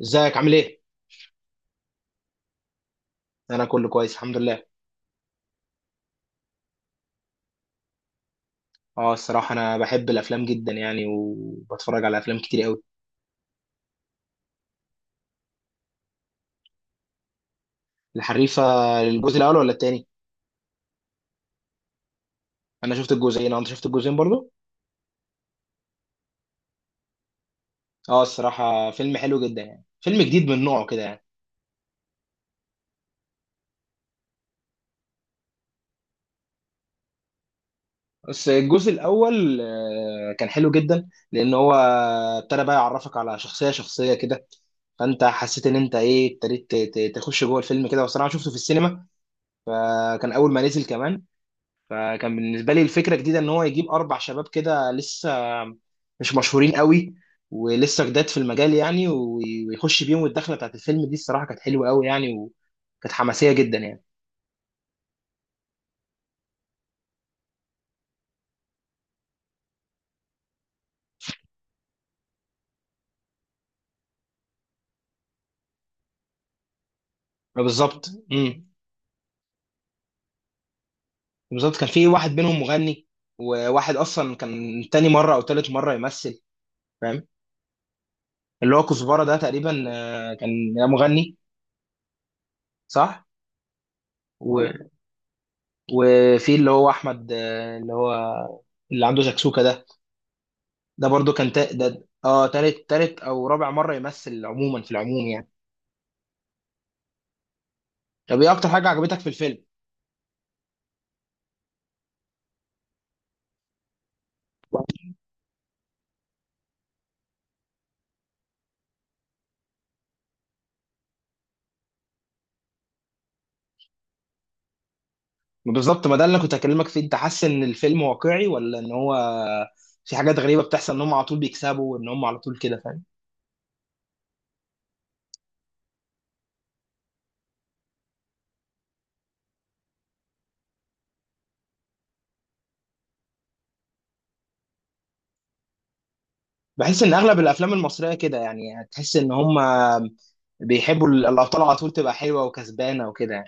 ازيك عامل ايه؟ انا كله كويس الحمد لله. اه، الصراحه انا بحب الافلام جدا يعني، وبتفرج على افلام كتير قوي. الحريفه. الجزء الاول ولا التاني؟ انا شفت الجزئين، اه، انت شفت الجزئين برضو؟ اه، الصراحه فيلم حلو جدا يعني، فيلم جديد من نوعه كده يعني. بس الجزء الاول كان حلو جدا لان هو ابتدى بقى يعرفك على شخصيه شخصيه كده. فانت حسيت ان انت ايه، ابتديت تخش جوه الفيلم كده، والصراحه شفته في السينما كان اول ما نزل كمان. فكان بالنسبه لي الفكره جديده ان هو يجيب اربع شباب كده لسه مش مشهورين قوي، ولسه جداد في المجال يعني، ويخش بيهم الدخله بتاعت الفيلم دي، الصراحه كانت حلوه قوي يعني، وكانت حماسيه جدا يعني. بالظبط. بالظبط كان في واحد منهم مغني، وواحد اصلا كان تاني مره او تالت مره يمثل. فاهم. اللي هو كزبره ده تقريبا كان مغني. صح. و... وفي اللي هو احمد، اللي هو اللي عنده شكسوكه ده. ده برضو كان ده تالت او رابع مره يمثل عموما، في العموم يعني. طب ايه اكتر حاجه عجبتك في الفيلم؟ بالظبط، ما ده اللي انا كنت هكلمك فيه، انت حاسس ان الفيلم واقعي ولا ان هو في حاجات غريبه بتحصل ان هم على طول بيكسبوا، وان هم على طول كده؟ فاهم. بحس ان اغلب الافلام المصريه كده يعني، هتحس ان هم بيحبوا الابطال على طول تبقى حلوه وكسبانه وكده يعني.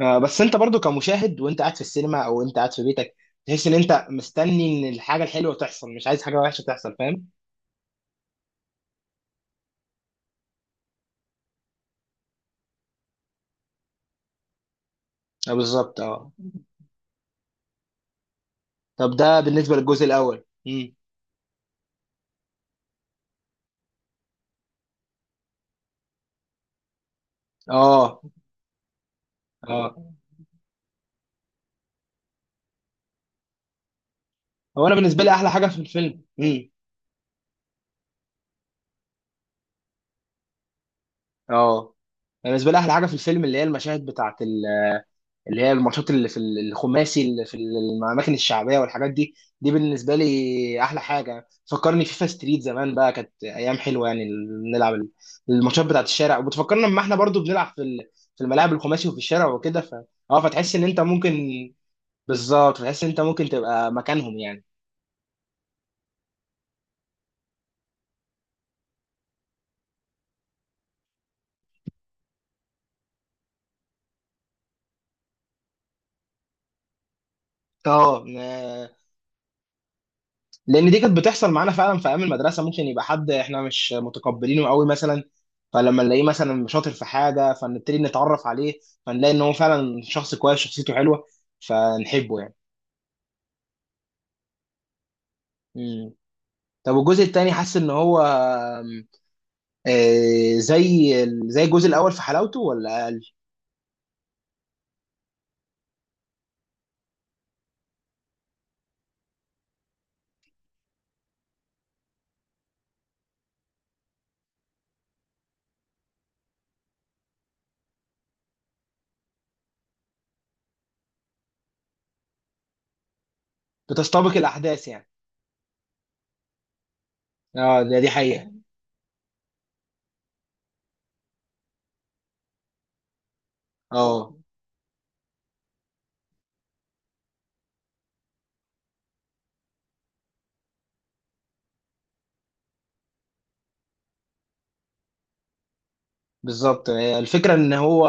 بس انت برضو كمشاهد وانت قاعد في السينما او انت قاعد في بيتك تحس ان انت مستني ان الحاجه الحلوه تحصل، مش عايز حاجه وحشه تحصل. فاهم. آه، بالظبط، اه. طب ده بالنسبه للجزء الاول. اه، اه، هو انا بالنسبه لي احلى حاجه في الفيلم. اه أنا بالنسبه لي احلى حاجه في الفيلم اللي هي المشاهد بتاعت اللي هي الماتشات اللي في الخماسي، اللي في الاماكن الشعبيه والحاجات دي. دي بالنسبه لي احلى حاجه، فكرني فيفا ستريت زمان بقى، كانت ايام حلوه يعني. نلعب الماتشات بتاعت الشارع، وبتفكرنا لما احنا برضو بنلعب في في الملاعب الخماسي، وفي الشارع وكده. ف اه فتحس ان انت ممكن. بالظبط، فتحس ان انت ممكن تبقى مكانهم يعني. اه، لان دي كانت بتحصل معانا فعلا في ايام المدرسه، ممكن يبقى حد احنا مش متقبلينه قوي مثلا، فلما نلاقيه مثلا شاطر في حاجه فنبتدي نتعرف عليه، فنلاقي ان هو فعلا شخص كويس، شخصيته حلوه، فنحبه يعني. مم. طب والجزء التاني، حاسس ان هو زي الجزء الاول في حلاوته ولا اقل؟ بتستبق الاحداث يعني. اه، ده دي حقيقه. اه، بالظبط، هي الفكرة ان هو،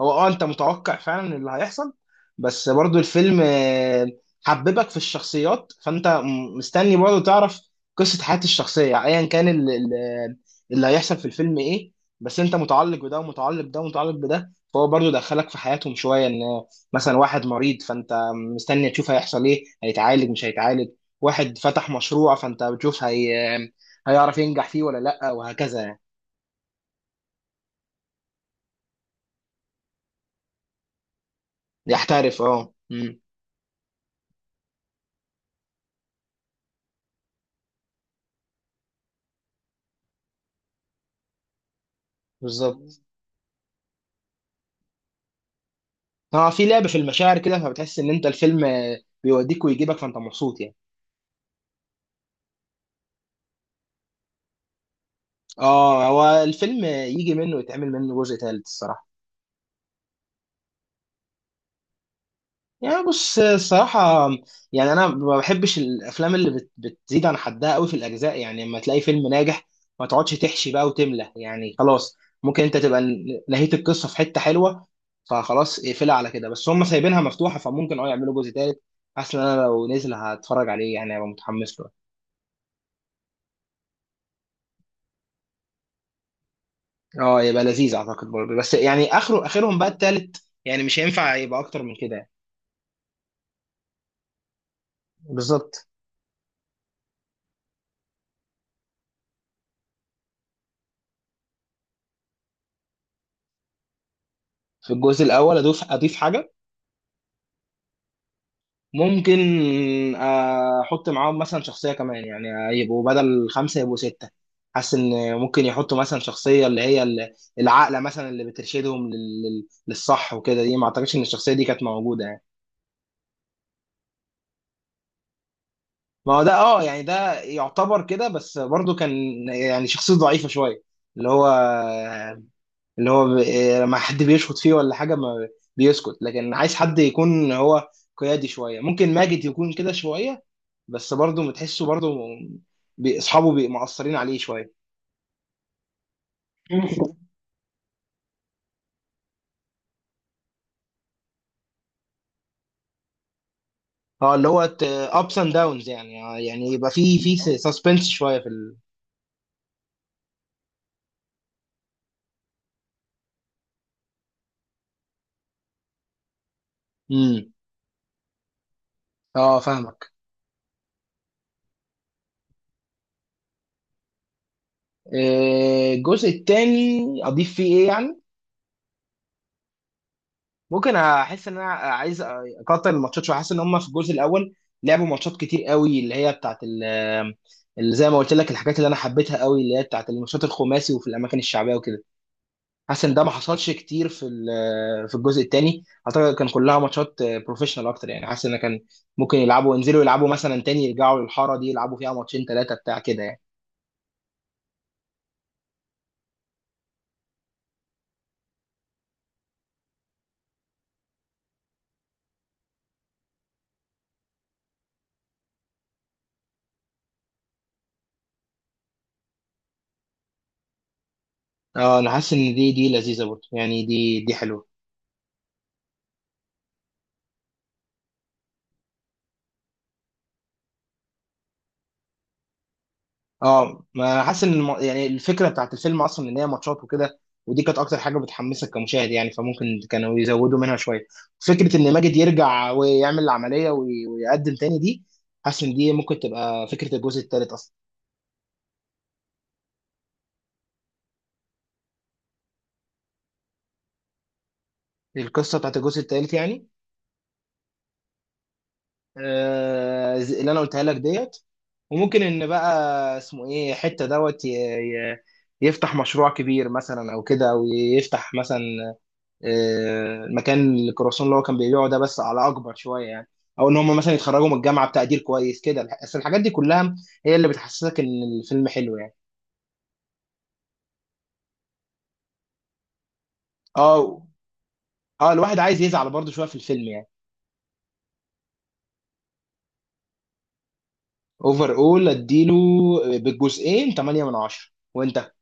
انت متوقع فعلا اللي هيحصل، بس برضو الفيلم حببك في الشخصيات، فانت مستني برضو تعرف قصة حياة الشخصية، ايا كان اللي هيحصل في الفيلم ايه. بس انت متعلق بده، ومتعلق بده، ومتعلق بده، فهو برضو دخلك في حياتهم شوية، ان مثلا واحد مريض فانت مستني تشوف هيحصل ايه، هيتعالج مش هيتعالج. واحد فتح مشروع فانت بتشوف هي هيعرف ينجح فيه ولا لا، وهكذا يعني. يحترف، اه. بالظبط. اه في لعب في المشاعر كده، فبتحس ان انت الفيلم بيوديك ويجيبك، فانت مبسوط يعني. اه، هو الفيلم يجي منه ويتعمل منه جزء ثالث الصراحه. يعني بص الصراحه، يعني انا ما بحبش الافلام اللي بتزيد عن حدها قوي في الاجزاء، يعني لما تلاقي فيلم ناجح ما تقعدش تحشي بقى وتملى يعني، خلاص ممكن انت تبقى نهيت القصه في حته حلوه، فخلاص اقفلها على كده، بس هم سايبينها مفتوحه، فممكن يعملوا جزء ثالث. حاسس ان انا لو نزل هتفرج عليه يعني، هبقى متحمس له. اه، يبقى لذيذ اعتقد برضه، بس يعني اخرهم بقى التالت يعني، مش هينفع يبقى اكتر من كده يعني. بالظبط. في الجزء الاول، اضيف حاجه، ممكن احط معاهم مثلا شخصيه كمان يعني، يبقوا بدل خمسه يبقوا سته. حاسس ان ممكن يحطوا مثلا شخصيه اللي هي العاقله مثلا، اللي بترشدهم للصح وكده، دي ما اعتقدش ان الشخصيه دي كانت موجوده يعني. ما هو ده، اه يعني ده يعتبر كده، بس برضه كان يعني شخصيه ضعيفه شويه، اللي هو اللي هو ب- إيه، لما حد بيشخط فيه ولا حاجه، ما بيسكت، لكن عايز حد يكون هو قيادي شويه، ممكن ماجد يكون كده شويه. بس برضه بتحسه برضه، اصحابه مقصرين عليه شويه. اه، اللي هو ابس اند داونز يعني، يعني يبقى في سسبنس شويه امم اه، فاهمك. الجزء التاني اضيف فيه ايه يعني؟ ممكن احس ان انا عايز اقطع الماتشات شويه، حاسس ان هم في الجزء الاول لعبوا ماتشات كتير قوي، اللي هي بتاعت اللي زي ما قلت لك، الحاجات اللي انا حبيتها قوي، اللي هي بتاعت الماتشات الخماسي وفي الاماكن الشعبيه وكده. حاسس ان ده ما حصلش كتير في في الجزء الثاني، اعتقد كان كلها ماتشات بروفيشنال اكتر يعني، حاسس ان كان ممكن يلعبوا ينزلوا يلعبوا مثلا تاني يرجعوا للحاره دي يلعبوا فيها ماتشين ثلاثه بتاع كده يعني. اه، انا حاسس ان دي لذيذه برضه يعني، دي حلوه. اه، ما حاسس ان يعني الفكره بتاعت الفيلم اصلا ان هي ماتشات وكده، ودي كانت اكتر حاجه بتحمسك كمشاهد يعني، فممكن كانوا يزودوا منها شويه. فكره ان ماجد يرجع ويعمل العمليه ويقدم تاني دي، حاسس ان دي ممكن تبقى فكره الجزء الثالث اصلا. القصه بتاعت الجزء الثالث يعني، اللي انا قلتها لك ديت، وممكن ان بقى اسمه ايه حته دوت يفتح مشروع كبير مثلا او كده، او يفتح مثلا المكان اللي كروسون اللي هو كان بيبيعه ده، بس على اكبر شويه يعني. او ان هم مثلا يتخرجوا من الجامعه بتقدير كويس كده بس الحاجات دي كلها هي اللي بتحسسك ان الفيلم حلو يعني. اه، اه، الواحد عايز يزعل برضه شويه في الفيلم يعني. اوفر اول اديله بالجزئين 8 من 10 وانت